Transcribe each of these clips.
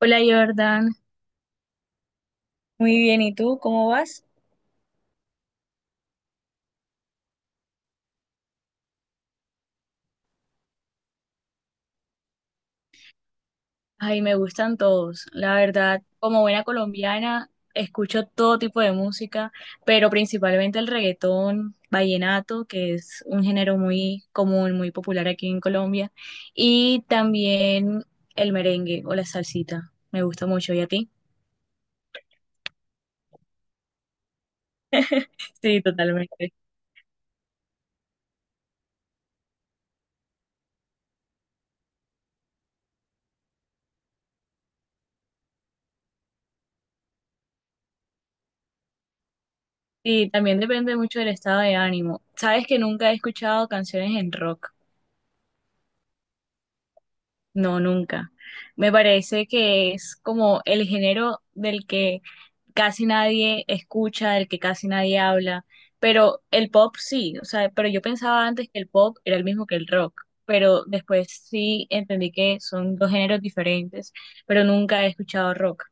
Hola Jordan. Muy bien, ¿y tú cómo vas? Ay, me gustan todos, la verdad, como buena colombiana, escucho todo tipo de música, pero principalmente el reggaetón, vallenato, que es un género muy común, muy popular aquí en Colombia, y también el merengue o la salsita, me gusta mucho. ¿Y a ti? Sí, totalmente. Y también depende mucho del estado de ánimo. Sabes que nunca he escuchado canciones en rock. No, nunca. Me parece que es como el género del que casi nadie escucha, del que casi nadie habla, pero el pop sí, o sea, pero yo pensaba antes que el pop era el mismo que el rock, pero después sí entendí que son dos géneros diferentes, pero nunca he escuchado rock.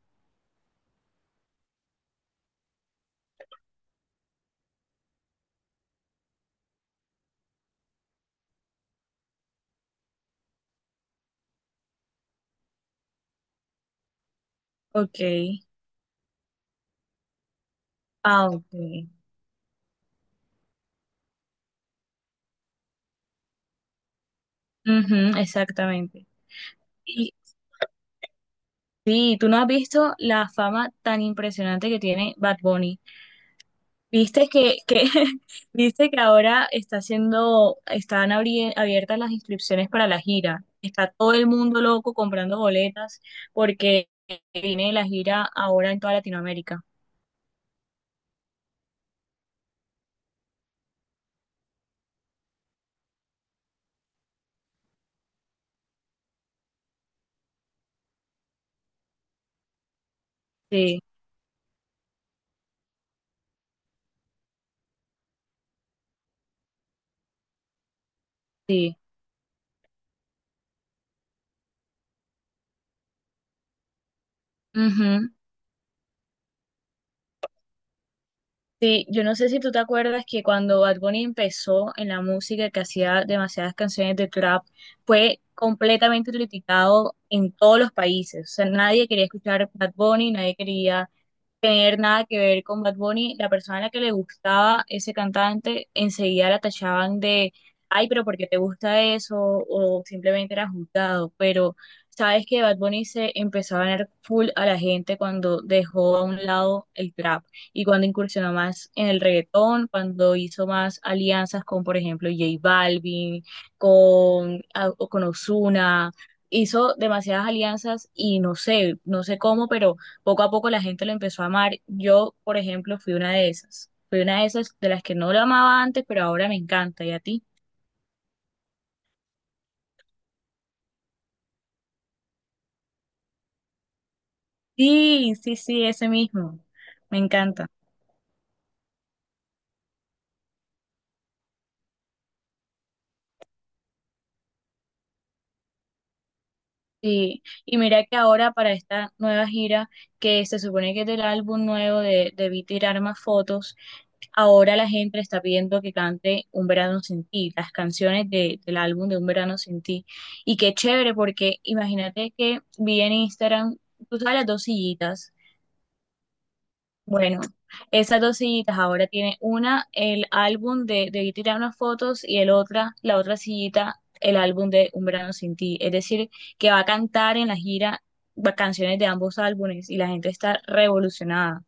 Ok. Ah, ok. Ujú, exactamente. Y sí, ¿tú no has visto la fama tan impresionante que tiene Bad Bunny? Viste que viste que ahora está haciendo, están abiertas las inscripciones para la gira. Está todo el mundo loco comprando boletas porque viene la gira ahora en toda Latinoamérica. Sí, sí. Ujú. Sí, yo no sé si tú te acuerdas que cuando Bad Bunny empezó en la música, que hacía demasiadas canciones de trap, fue completamente criticado en todos los países. O sea, nadie quería escuchar Bad Bunny, nadie quería tener nada que ver con Bad Bunny, la persona a la que le gustaba ese cantante, enseguida la tachaban de, ay, pero ¿por qué te gusta eso? O simplemente era juzgado. Pero sabes que Bad Bunny se empezó a ganar full a la gente cuando dejó a un lado el trap y cuando incursionó más en el reggaetón, cuando hizo más alianzas con, por ejemplo, J Balvin, o con Ozuna. Hizo demasiadas alianzas y no sé, no sé cómo, pero poco a poco la gente lo empezó a amar. Yo, por ejemplo, fui una de esas. Fui una de esas de las que no lo amaba antes, pero ahora me encanta. ¿Y a ti? Sí, sí, sí, ese mismo. Me encanta. Sí. Y mira que ahora para esta nueva gira, que se supone que es del álbum nuevo de Debí tirar más fotos, ahora la gente le está pidiendo que cante Un verano sin ti, las canciones del álbum de Un verano sin ti. Y qué chévere, porque imagínate que vi en Instagram, tú sabes, las dos sillitas. Bueno, esas dos sillitas, ahora tiene una el álbum de Debí tirar unas fotos y el otra, la otra sillita, el álbum de Un verano sin ti. Es decir, que va a cantar en la gira canciones de ambos álbumes y la gente está revolucionada.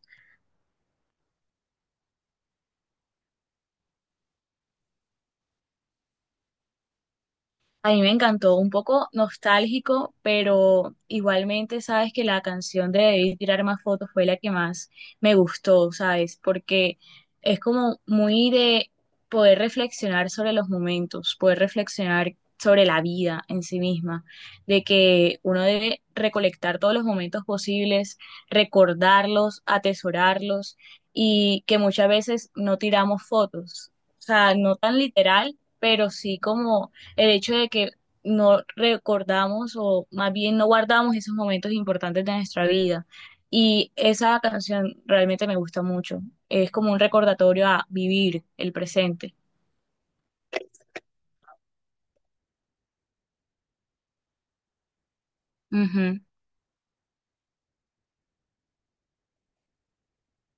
A mí me encantó, un poco nostálgico, pero igualmente sabes que la canción de Debí tirar más fotos fue la que más me gustó, ¿sabes? Porque es como muy de poder reflexionar sobre los momentos, poder reflexionar sobre la vida en sí misma, de que uno debe recolectar todos los momentos posibles, recordarlos, atesorarlos y que muchas veces no tiramos fotos, o sea, no tan literal, pero sí como el hecho de que no recordamos o más bien no guardamos esos momentos importantes de nuestra vida. Y esa canción realmente me gusta mucho. Es como un recordatorio a vivir el presente. Ujú.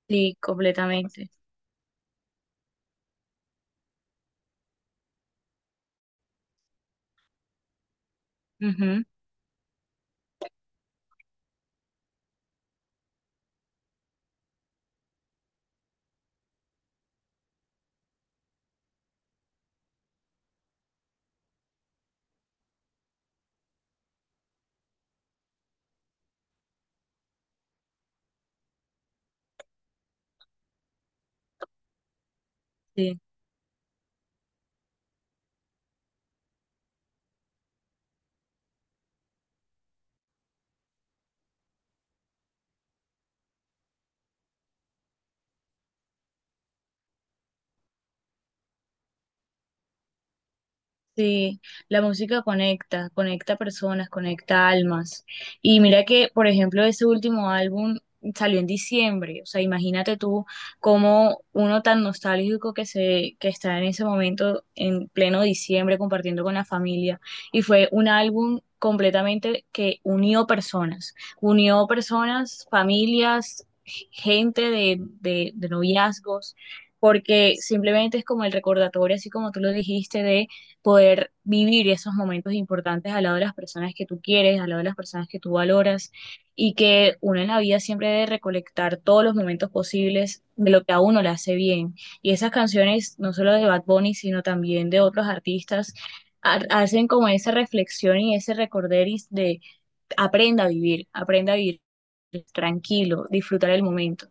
Sí, completamente. Ujú. Sí. Sí, la música conecta, conecta personas, conecta almas. Y mira que, por ejemplo, ese último álbum salió en diciembre. O sea, imagínate tú cómo uno tan nostálgico que se, que está en ese momento, en pleno diciembre, compartiendo con la familia. Y fue un álbum completamente que unió personas, familias, gente de, de noviazgos, porque simplemente es como el recordatorio, así como tú lo dijiste, poder vivir esos momentos importantes al lado de las personas que tú quieres, al lado de las personas que tú valoras y que uno en la vida siempre debe recolectar todos los momentos posibles de lo que a uno le hace bien. Y esas canciones, no solo de Bad Bunny, sino también de otros artistas, hacen como esa reflexión y ese recorderis de aprenda a vivir tranquilo, disfrutar el momento.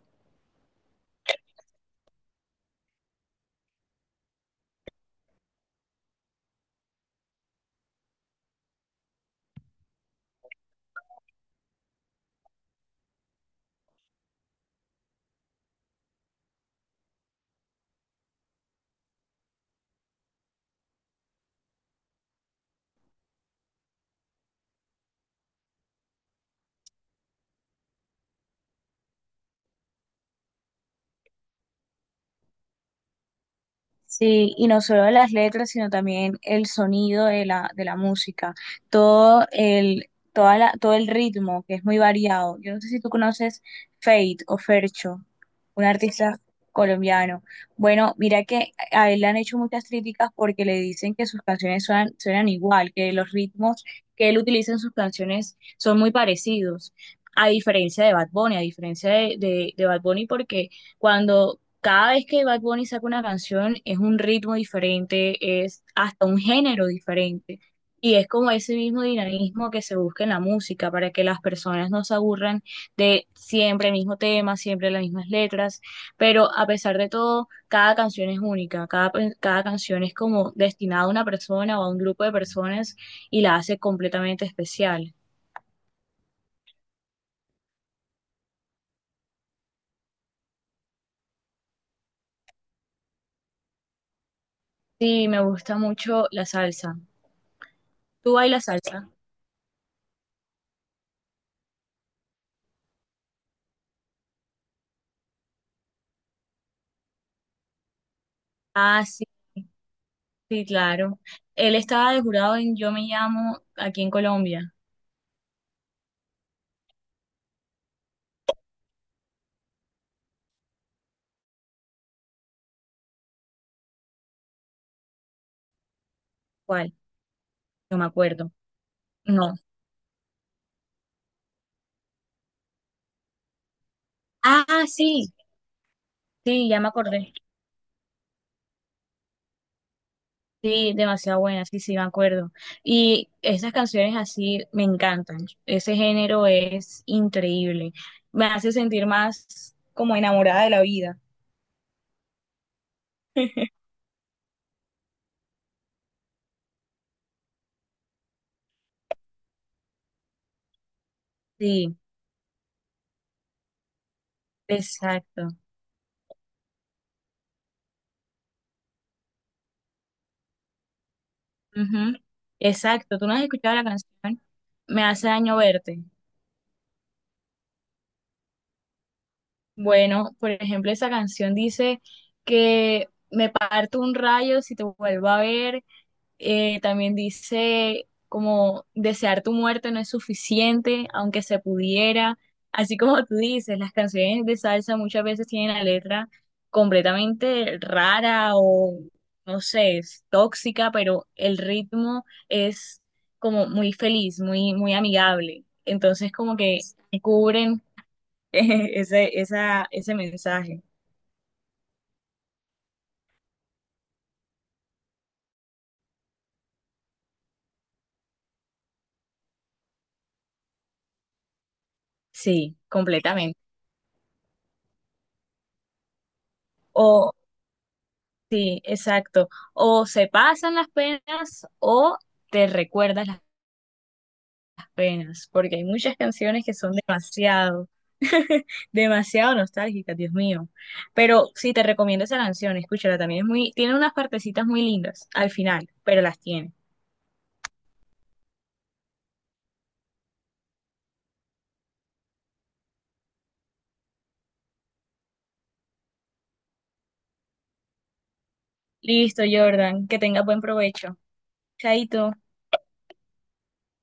Sí, y no solo las letras, sino también el sonido de la música, todo el, toda la, todo el ritmo, que es muy variado. Yo no sé si tú conoces Fate o Fercho, un artista colombiano. Bueno, mira que a él le han hecho muchas críticas porque le dicen que sus canciones suenan, suenan igual, que los ritmos que él utiliza en sus canciones son muy parecidos, a diferencia de Bad Bunny, a diferencia de, de Bad Bunny, porque cuando cada vez que Bad Bunny saca una canción es un ritmo diferente, es hasta un género diferente. Y es como ese mismo dinamismo que se busca en la música para que las personas no se aburran de siempre el mismo tema, siempre las mismas letras. Pero a pesar de todo, cada canción es única, cada canción es como destinada a una persona o a un grupo de personas y la hace completamente especial. Sí, me gusta mucho la salsa. ¿Tú bailas salsa? Ah, sí. Sí, claro. Él estaba de jurado en Yo me llamo aquí en Colombia. ¿Cuál? No me acuerdo. No. Ah, sí, sí, ya me acordé. Sí, demasiado buena, sí, sí, me acuerdo. Y esas canciones así me encantan. Ese género es increíble. Me hace sentir más como enamorada de la vida. Sí, exacto. Ujú. Exacto. ¿Tú no has escuchado la canción? Me hace daño verte. Bueno, por ejemplo, esa canción dice que me parto un rayo si te vuelvo a ver. También dice como desear tu muerte no es suficiente, aunque se pudiera. Así como tú dices, las canciones de salsa muchas veces tienen la letra completamente rara o no sé, es tóxica, pero el ritmo es como muy feliz, muy, muy amigable. Entonces, como que cubren ese mensaje. Sí, completamente. O, sí, exacto. O se pasan las penas o te recuerdas las penas, porque hay muchas canciones que son demasiado, demasiado nostálgicas, Dios mío. Pero sí, te recomiendo esa canción, escúchala también. Es muy, tiene unas partecitas muy lindas al final, pero las tiene. Listo, Jordan, que tenga buen provecho. Chaito.